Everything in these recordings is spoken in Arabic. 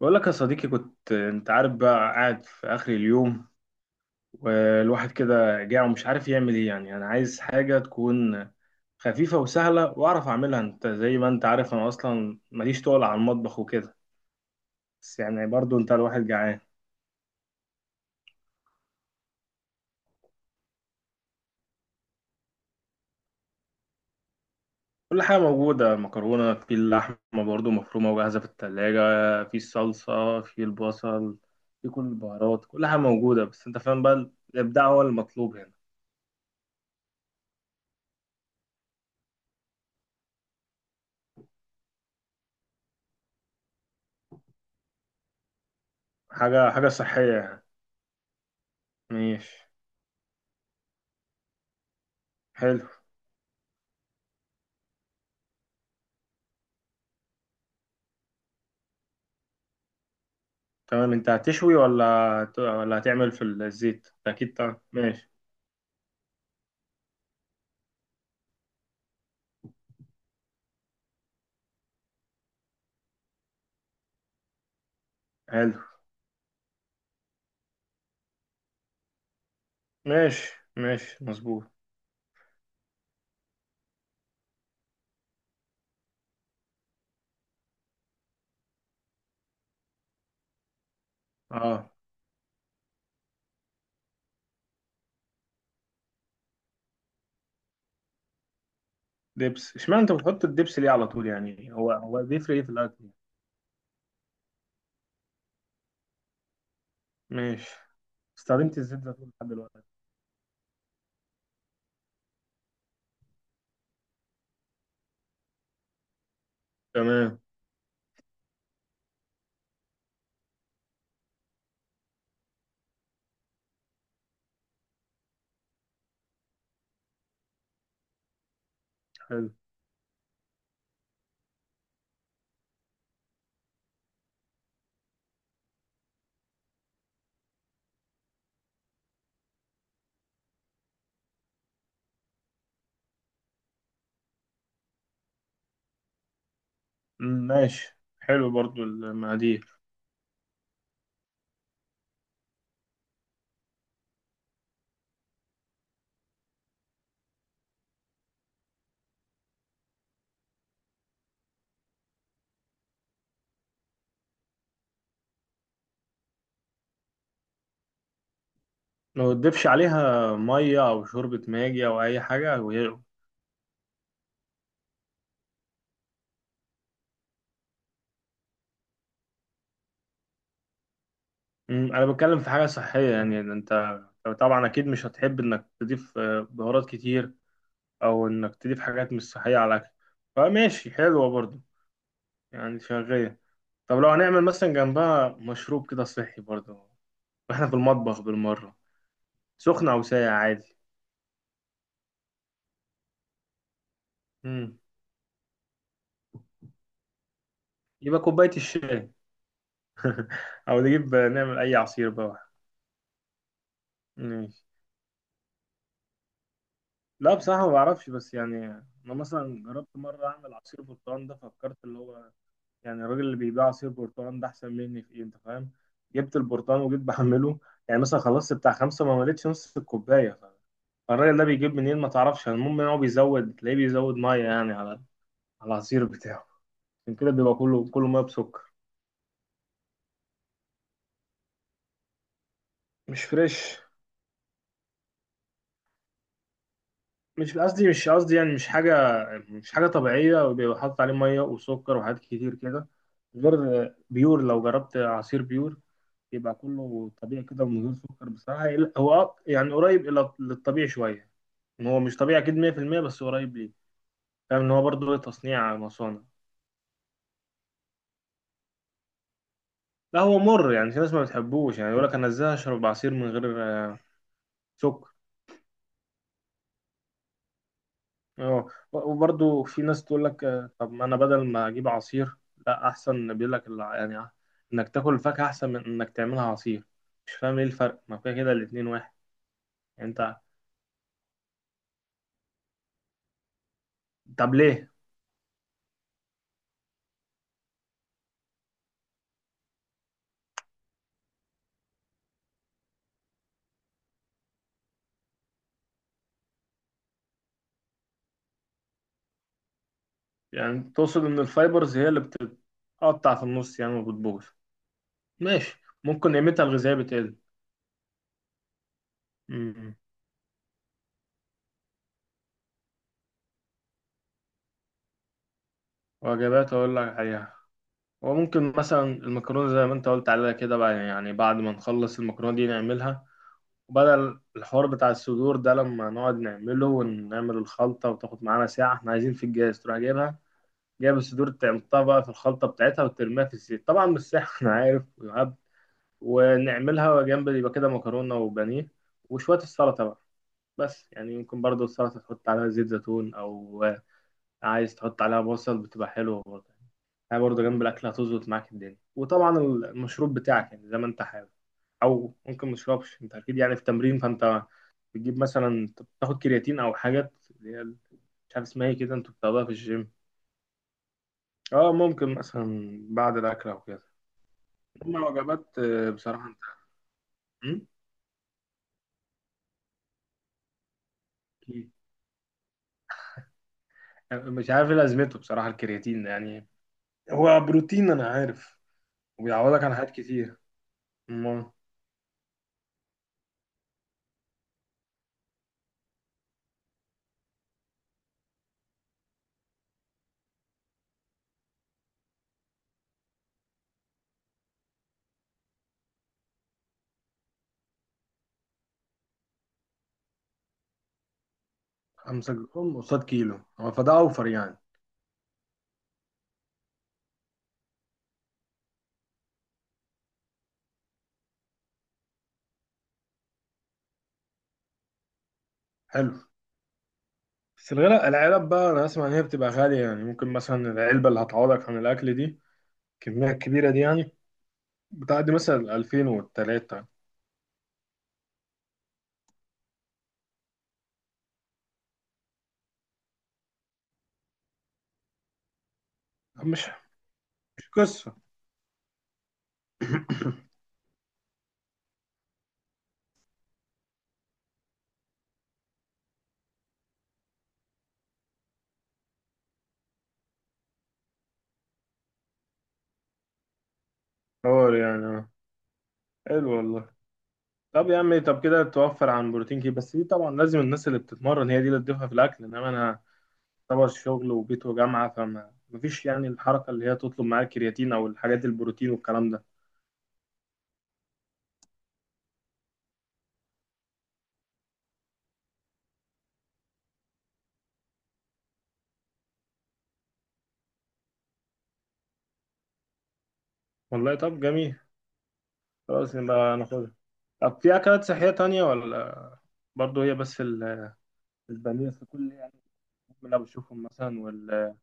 بقول لك يا صديقي، كنت انت عارف بقى قاعد في اخر اليوم والواحد كده جاع ومش عارف يعمل ايه. يعني انا عايز حاجة تكون خفيفة وسهلة واعرف اعملها. انت زي ما انت عارف انا اصلا ماليش تقل على المطبخ وكده، بس يعني برضو انت الواحد جعان. كل حاجة موجودة، مكرونة، في اللحمة برضو مفرومة وجاهزة في التلاجة، في الصلصة، في البصل، في كل البهارات. كل حاجة موجودة بس انت فاهم بقى، الابداع هو المطلوب هنا. حاجة حاجة صحية يعني. ماشي. حلو. تمام. انت هتشوي ولا ولا هتعمل في الزيت؟ اكيد طبعا. ماشي. حلو. ماشي. ماشي. مظبوط. اه. دبس؟ اشمعنى انت بتحط الدبس ليه على طول؟ يعني هو بيفرق ايه في الاكل يعني؟ ماشي. استخدمت الزيت زيتون لحد دلوقتي. تمام. حلو. مم، ماشي. حلو برضو المقادير. ما تضيفش عليها ميه او شوربه ماجي او اي حاجه وهي؟ انا بتكلم في حاجه صحيه يعني، ده انت طبعا اكيد مش هتحب انك تضيف بهارات كتير، او انك تضيف حاجات مش صحيه على الاكل. فماشي، حلوه برضو. يعني شغاله. طب لو هنعمل مثلا جنبها مشروب كده صحي برضو، واحنا في المطبخ بالمره. سخن او ساقع عادي. امم يبقى كوبايه الشاي، او نجيب نعمل اي عصير بقى. ماشي. لا بصراحه ما بعرفش، بس يعني انا مثلا جربت مره اعمل عصير برتقال. ده فكرت اللي هو يعني الراجل اللي بيبيع عصير برتقال ده احسن مني في ايه؟ انت فاهم. جبت البرتقال وجيت بعمله، يعني مثلا خلصت بتاع خمسه ما مليتش نص الكوبايه. الراجل ده بيجيب منين ما تعرفش. يعني المهم ان هو بيزود، تلاقيه بيزود ميه يعني على العصير بتاعه. عشان كده بيبقى كله ميه بسكر. مش فريش. مش قصدي، مش قصدي يعني، مش حاجه، مش حاجه طبيعيه. وبيبقى حاطط عليه ميه وسكر وحاجات كتير كده، غير بيور. لو جربت عصير بيور يبقى كله طبيعي كده ومن غير سكر بصراحه. هو يعني قريب الى للطبيعي شويه. إن هو مش طبيعي اكيد 100%، بس قريب ليه. فاهم ان هو برضه تصنيع مصانع. لا هو مر. يعني في ناس ما بتحبوش، يعني يقول لك انا ازاي اشرب عصير من غير سكر. اه. وبرضه في ناس تقول لك، طب ما انا بدل ما اجيب عصير، لا احسن، بيقول لك يعني انك تاكل الفاكهه احسن من انك تعملها عصير. مش فاهم ايه الفرق، ما كده كده الاتنين واحد. يعني انت. طب ليه؟ يعني تقصد ان الفايبرز هي اللي بتتقطع في النص يعني وبتبوظ؟ ماشي، ممكن قيمتها الغذائيه بتقل. مم. وجبات اقول لك عليها؟ وممكن مثلا المكرونة زي ما انت قلت عليها كده بقى، يعني بعد ما نخلص المكرونة دي نعملها. وبدل الحوار بتاع الصدور ده لما نقعد نعمله، ونعمل الخلطة وتاخد معانا ساعة، احنا عايزين في الجاز تروح جايبها، جايب الصدور تعمطها بقى في الخلطة بتاعتها وترميها في الزيت، طبعا مش ساحة انا عارف ويعب. ونعملها جنب، يبقى كده مكرونة وبانيه، وشوية السلطة بقى. بس يعني ممكن برضو السلطة تحط عليها زيت زيتون، أو عايز تحط عليها بصل، بتبقى حلوة برضه. هي برضه جنب الأكل هتظبط معاك الدنيا. وطبعا المشروب بتاعك يعني زي ما أنت حابب، أو ممكن مشربش. أنت أكيد يعني في تمرين، فأنت بتجيب مثلا، بتاخد كرياتين أو حاجات اللي هي مش عارف اسمها ايه كده، انتوا بتاخدوها في الجيم. اه، ممكن مثلا بعد الاكل او كده. اما الوجبات بصراحه انت. مم؟ أكيد. مش عارف ايه لازمته بصراحه الكرياتين ده، يعني هو بروتين انا عارف، وبيعوضك عن حاجات كتير. امال. 5 جرام قصاد كيلو، هو فده اوفر يعني. حلو. بس الغلاء، العلب بقى، انا اسمع ان هي بتبقى غاليه. يعني ممكن مثلا العلبه اللي هتعوضك عن الاكل دي، الكميه الكبيره دي يعني، بتعدي مثلا 2000 والتلاتة. مش مش قصه. حوار يعني. آه. حلو والله. طب يا عم، طب كده توفر عن بروتين كتير. بس دي طبعا لازم الناس اللي بتتمرن هي دي اللي تضيفها في الاكل، انما انا طبعا شغل وبيت وجامعه، فما مفيش يعني الحركه اللي هي تطلب معايا الكرياتين او الحاجات البروتين والكلام ده. والله طب جميل، خلاص نبقى ناخدها. طب في أكلات صحية تانية ولا برضه هي بس البانيه في كل يعني اللي أنا بشوفهم مثلا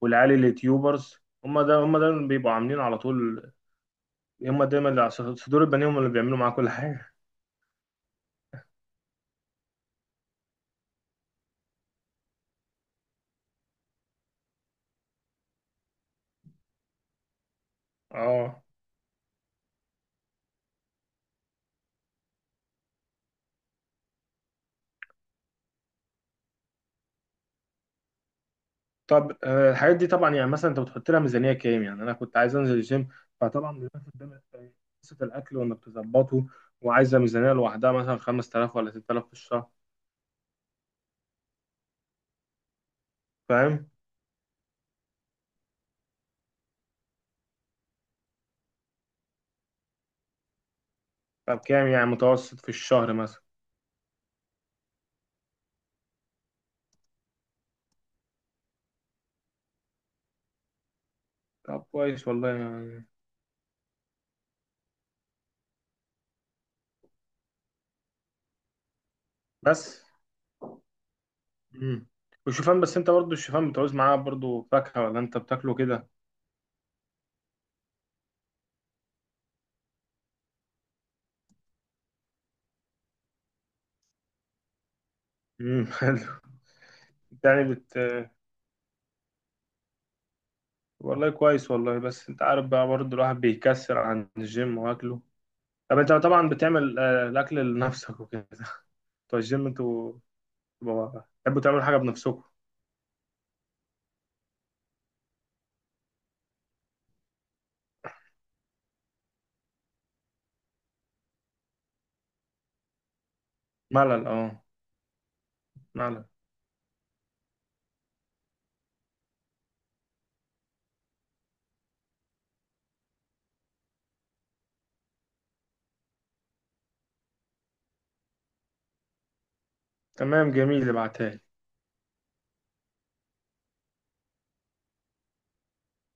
والعيال اليوتيوبرز؟ هم ده، هم ده اللي بيبقوا عاملين على طول. هم دايما اللي على صدور البانيه، هم اللي بيعملوا معاه كل حاجة. اه. طب، الحاجات دي طبعا يعني مثلا انت بتحط لها ميزانية كام؟ يعني انا كنت عايز انزل الجيم، فطبعا دلوقتي قدامك قصة الاكل وانك تظبطه، وعايزة ميزانية لوحدها، مثلا 5000 ولا 6000 في الشهر. فاهم. طب كام يعني متوسط في الشهر مثلا؟ طب كويس والله يعني. بس. مم. والشوفان، بس انت برضو الشوفان بتعوز معاه برضو فاكهة ولا انت بتاكله كده؟ مم. حلو. يعني والله كويس والله، بس انت عارف بقى برضو الواحد بيكسر عن الجيم واكله. طب انت طبعا بتعمل الاكل لنفسك وكده؟ بتوع الجيم انتوا بتحبوا تعملوا حاجة بنفسكم. ملل. اه. ملل. تمام جميل، ابعتها لي.